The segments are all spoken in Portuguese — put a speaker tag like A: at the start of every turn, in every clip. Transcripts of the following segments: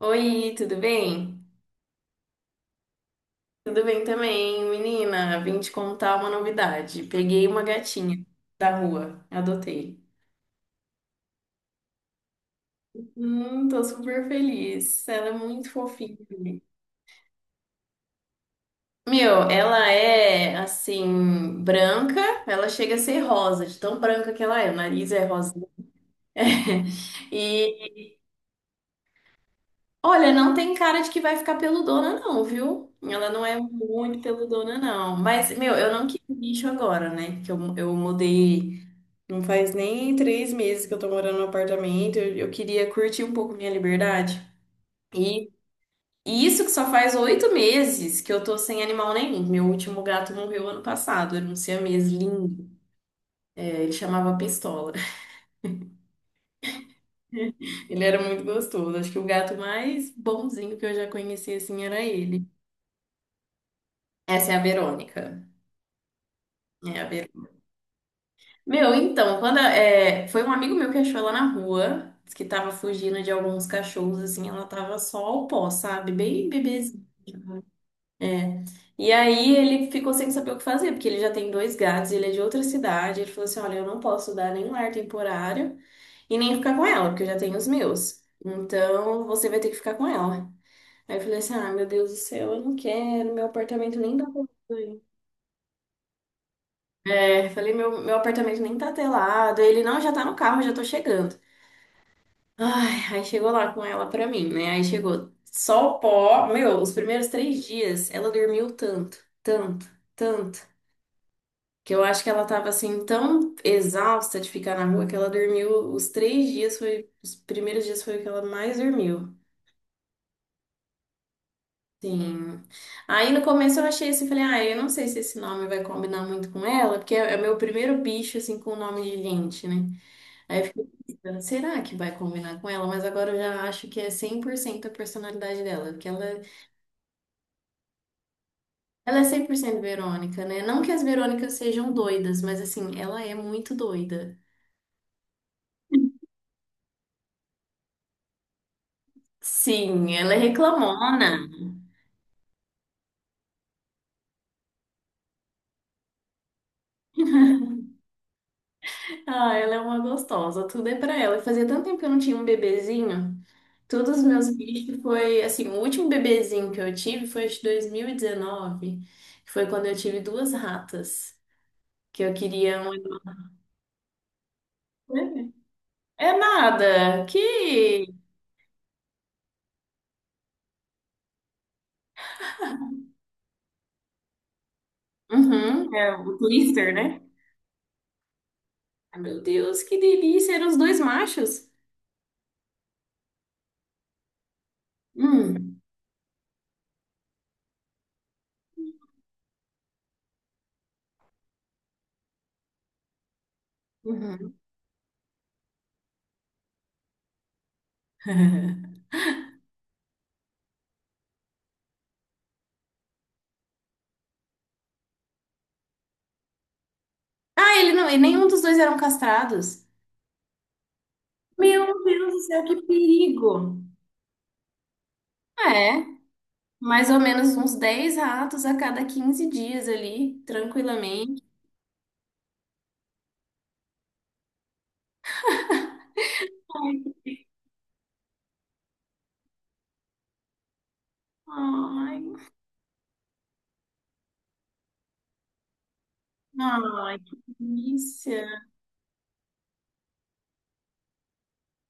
A: Oi, tudo bem? Tudo bem também, menina. Vim te contar uma novidade. Peguei uma gatinha da rua, adotei. Tô super feliz. Ela é muito fofinha. Meu, ela é assim, branca, ela chega a ser rosa, de tão branca que ela é, o nariz é rosa. E olha, não tem cara de que vai ficar peludona, não, viu? Ela não é muito peludona, não. Mas, meu, eu não quis bicho agora, né? Que eu mudei. Não faz nem 3 meses que eu tô morando no apartamento. Eu queria curtir um pouco minha liberdade. E, e isso que só faz 8 meses que eu tô sem animal nenhum. Meu último gato morreu ano passado. Era um siamês lindo. É, ele chamava Pistola. Ele era muito gostoso. Acho que o gato mais bonzinho que eu já conheci assim era ele. Essa é a Verônica. É a Verônica. Meu, então, foi um amigo meu que achou ela na rua, disse que tava fugindo de alguns cachorros, assim, ela tava só o pó, sabe? Bem bebezinha. É. E aí ele ficou sem saber o que fazer, porque ele já tem dois gatos, ele é de outra cidade. Ele falou assim: olha, eu não posso dar nenhum lar temporário e nem ficar com ela, porque eu já tenho os meus. Então você vai ter que ficar com ela. Aí eu falei assim: ah, meu Deus do céu, eu não quero, meu apartamento nem dá pra. Eu. É, falei, meu apartamento nem tá telado. Ele, não, já tá no carro, já tô chegando. Ai, aí chegou lá com ela pra mim, né? Aí chegou só o pó. Meu, os primeiros 3 dias ela dormiu tanto, tanto, tanto. Que eu acho que ela tava assim tão exausta de ficar na rua que ela dormiu os 3 dias, foi, os primeiros dias foi o que ela mais dormiu. Sim. Aí no começo eu achei assim, falei, ah, eu não sei se esse nome vai combinar muito com ela, porque é o meu primeiro bicho assim com nome de gente, né? Aí eu fiquei pensando, será que vai combinar com ela? Mas agora eu já acho que é 100% a personalidade dela, porque ela é 100% Verônica, né? Não que as Verônicas sejam doidas, mas assim, ela é muito doida. Sim, ela é reclamona. Ah, ela é uma gostosa, tudo é pra ela. Fazia tanto tempo que eu não tinha um bebezinho. Todos os meus bichos foi, assim, o último bebezinho que eu tive foi de 2019, que foi quando eu tive duas ratas, que eu queria um. É nada, que. Uhum, é o Twister, né? Ai, meu Deus, que delícia, eram os dois machos. Hum, uhum. Ah, ele não, e nenhum dos dois eram castrados. Meu Deus do céu, que perigo. É. Mais ou menos uns 10 ratos a cada 15 dias ali, tranquilamente. Ai, ai, que delícia.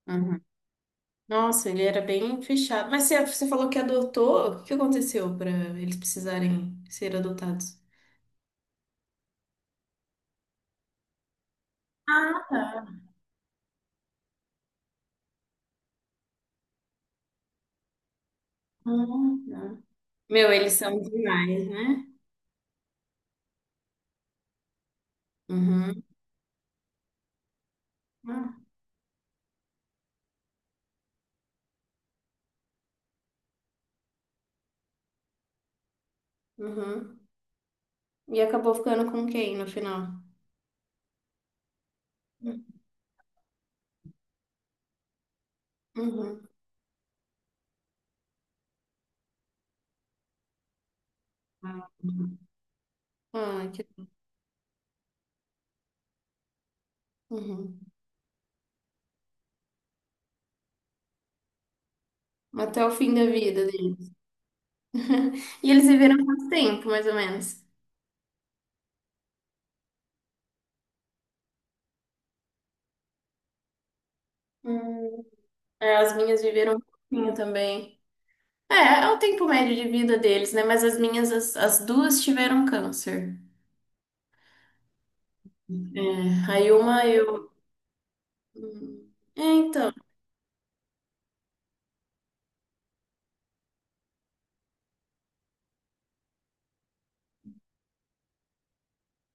A: Uhum. Nossa, ele era bem fechado. Mas você falou que adotou. O que aconteceu para eles precisarem ser adotados? Ah, tá. Tá. Meu, eles são demais, né? Uhum. Ah, uhum. E acabou ficando com quem no final? Uhum. Ah, uhum. Ah, que... uhum. Até o fim da vida dele. E eles viveram quanto tempo, mais ou menos? Hum, é, as minhas viveram um pouquinho também. É, é o tempo médio de vida deles, né? Mas as minhas, as duas tiveram câncer. É, aí uma eu. Hum, É, então.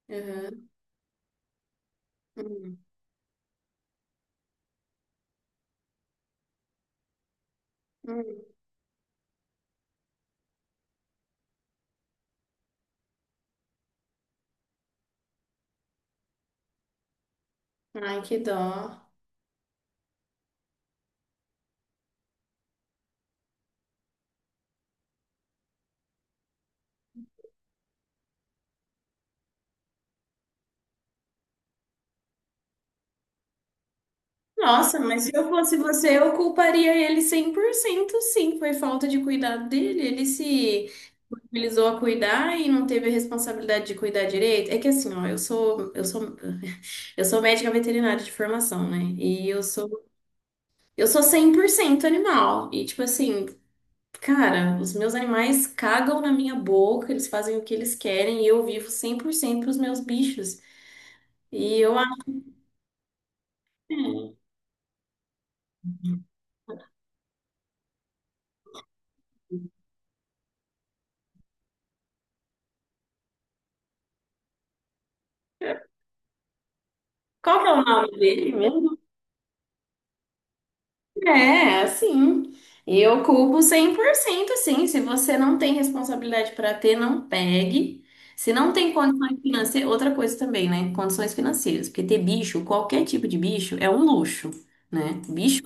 A: Uhum. Hum, hum. Hum. Ai, que dó. Nossa, mas se eu fosse você, eu culparia ele 100% sim. Foi falta de cuidado dele. Ele se mobilizou a cuidar e não teve a responsabilidade de cuidar direito. É que assim, ó, eu sou médica veterinária de formação, né? E eu sou 100% animal. E tipo assim, cara, os meus animais cagam na minha boca, eles fazem o que eles querem e eu vivo 100% pros meus bichos. E eu acho. Qual que é o nome dele mesmo? É, assim, eu culpo 100%, sim. Se você não tem responsabilidade para ter, não pegue. Se não tem condições financeiras, outra coisa também, né? Condições financeiras, porque ter bicho, qualquer tipo de bicho, é um luxo, né? Bicho.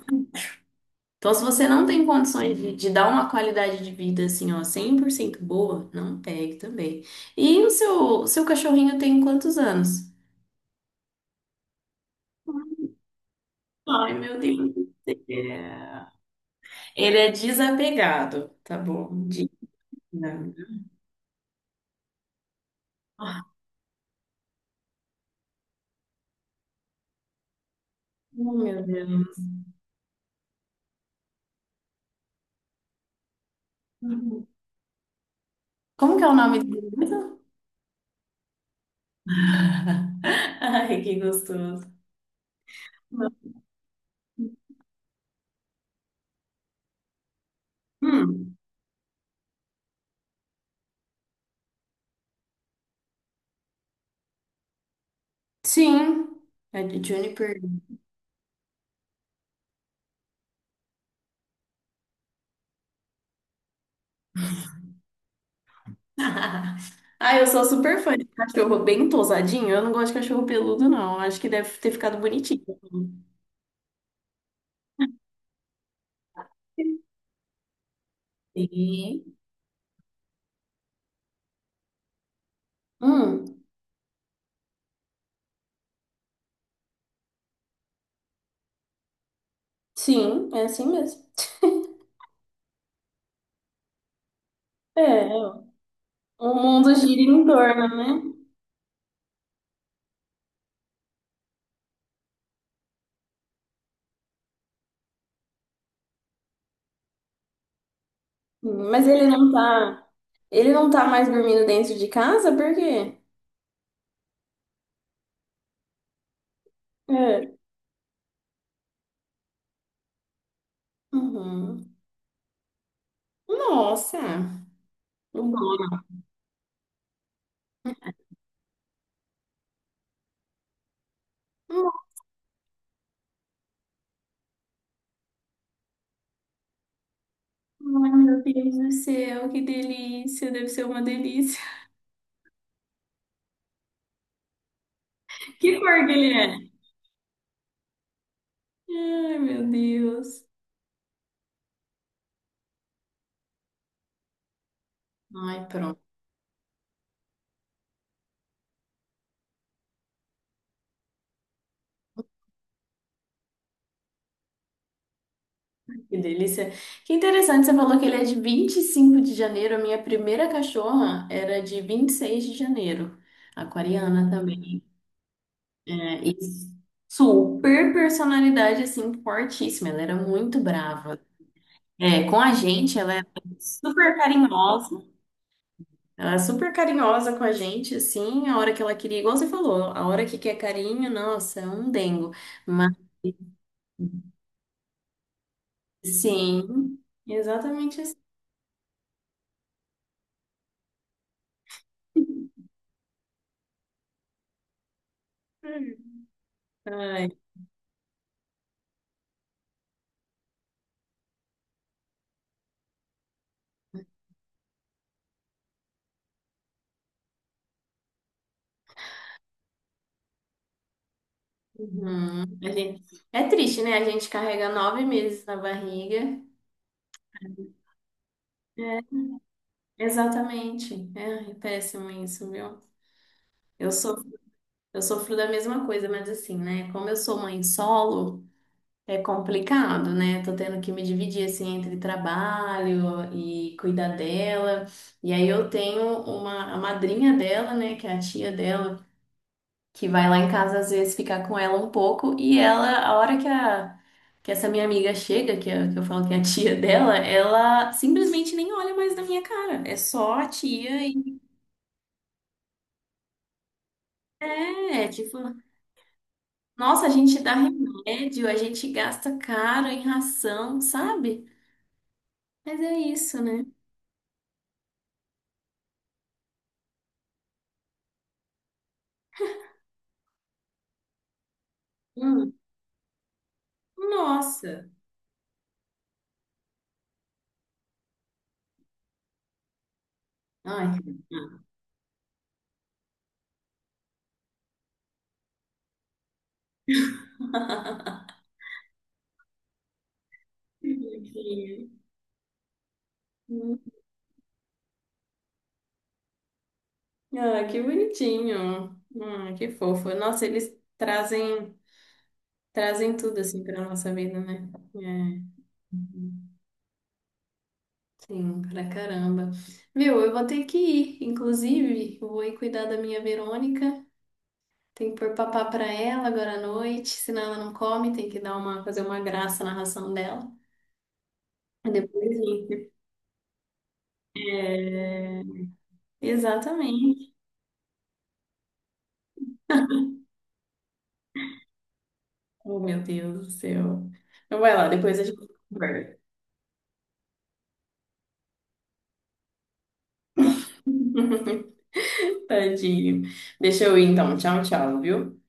A: Então, se você não tem condições de dar uma qualidade de vida assim, ó, 100% boa, não pegue também. E o seu cachorrinho tem quantos anos? Ai, meu Deus do céu. Ele é desapegado, tá bom? Diga. Oh, meu Deus. Como que é o nome dele mesmo? Ai, que gostoso. Hum, sim, é de Juniper. Ah, eu sou super fã de cachorro bem tosadinho. Eu não gosto de cachorro peludo, não. Acho que deve ter ficado bonitinho. Sim. Hum, sim, é assim mesmo. É, o mundo gira em torno, né? Mas ele não tá mais dormindo dentro de casa, por quê? É. Uhum. Nossa, o dono. Ai, meu Deus do céu, que delícia! Deve ser uma delícia. Que cor que ele é? Ai, meu Deus. Ai, pronto, que delícia. Que interessante, você falou que ele é de 25 de janeiro. A minha primeira cachorra era de 26 de janeiro, aquariana também. É, e super personalidade, assim, fortíssima. Ela era muito brava. É, com a gente, ela era super carinhosa. Ela é super carinhosa com a gente, assim, a hora que ela queria, igual você falou, a hora que quer carinho, nossa, é um dengo. Mas sim, exatamente assim. Ai, uhum. A gente, é triste, né? A gente carrega 9 meses na barriga. É, exatamente. É, é péssimo isso, viu? Eu sofro, eu sofro da mesma coisa, mas assim, né? Como eu sou mãe solo. É complicado, né? Tô tendo que me dividir assim entre trabalho e cuidar dela. E aí eu tenho uma a madrinha dela, né, que é a tia dela, que vai lá em casa às vezes ficar com ela um pouco e ela, a hora que a que essa minha amiga chega, que, é- que eu falo que é a tia dela, ela simplesmente nem olha mais na minha cara. É só a tia e é, é tipo, nossa, a gente dá remédio, a gente gasta caro em ração, sabe? Mas é isso, né? Nossa! Ai, que bonitinho. Ah, que bonitinho. Ah, que fofo. Nossa, eles trazem tudo assim para nossa vida, né? É, sim, pra caramba. Meu, eu vou ter que ir. Inclusive, eu vou ir cuidar da minha Verônica. Tem que pôr papá pra ela agora à noite, senão ela não come, tem que dar uma fazer uma graça na ração dela. E depois, gente, é, exatamente. Oh, meu Deus do céu. Então vai lá, depois a gente conversa. Tadinho. Deixa eu ir então. Tchau, tchau, viu?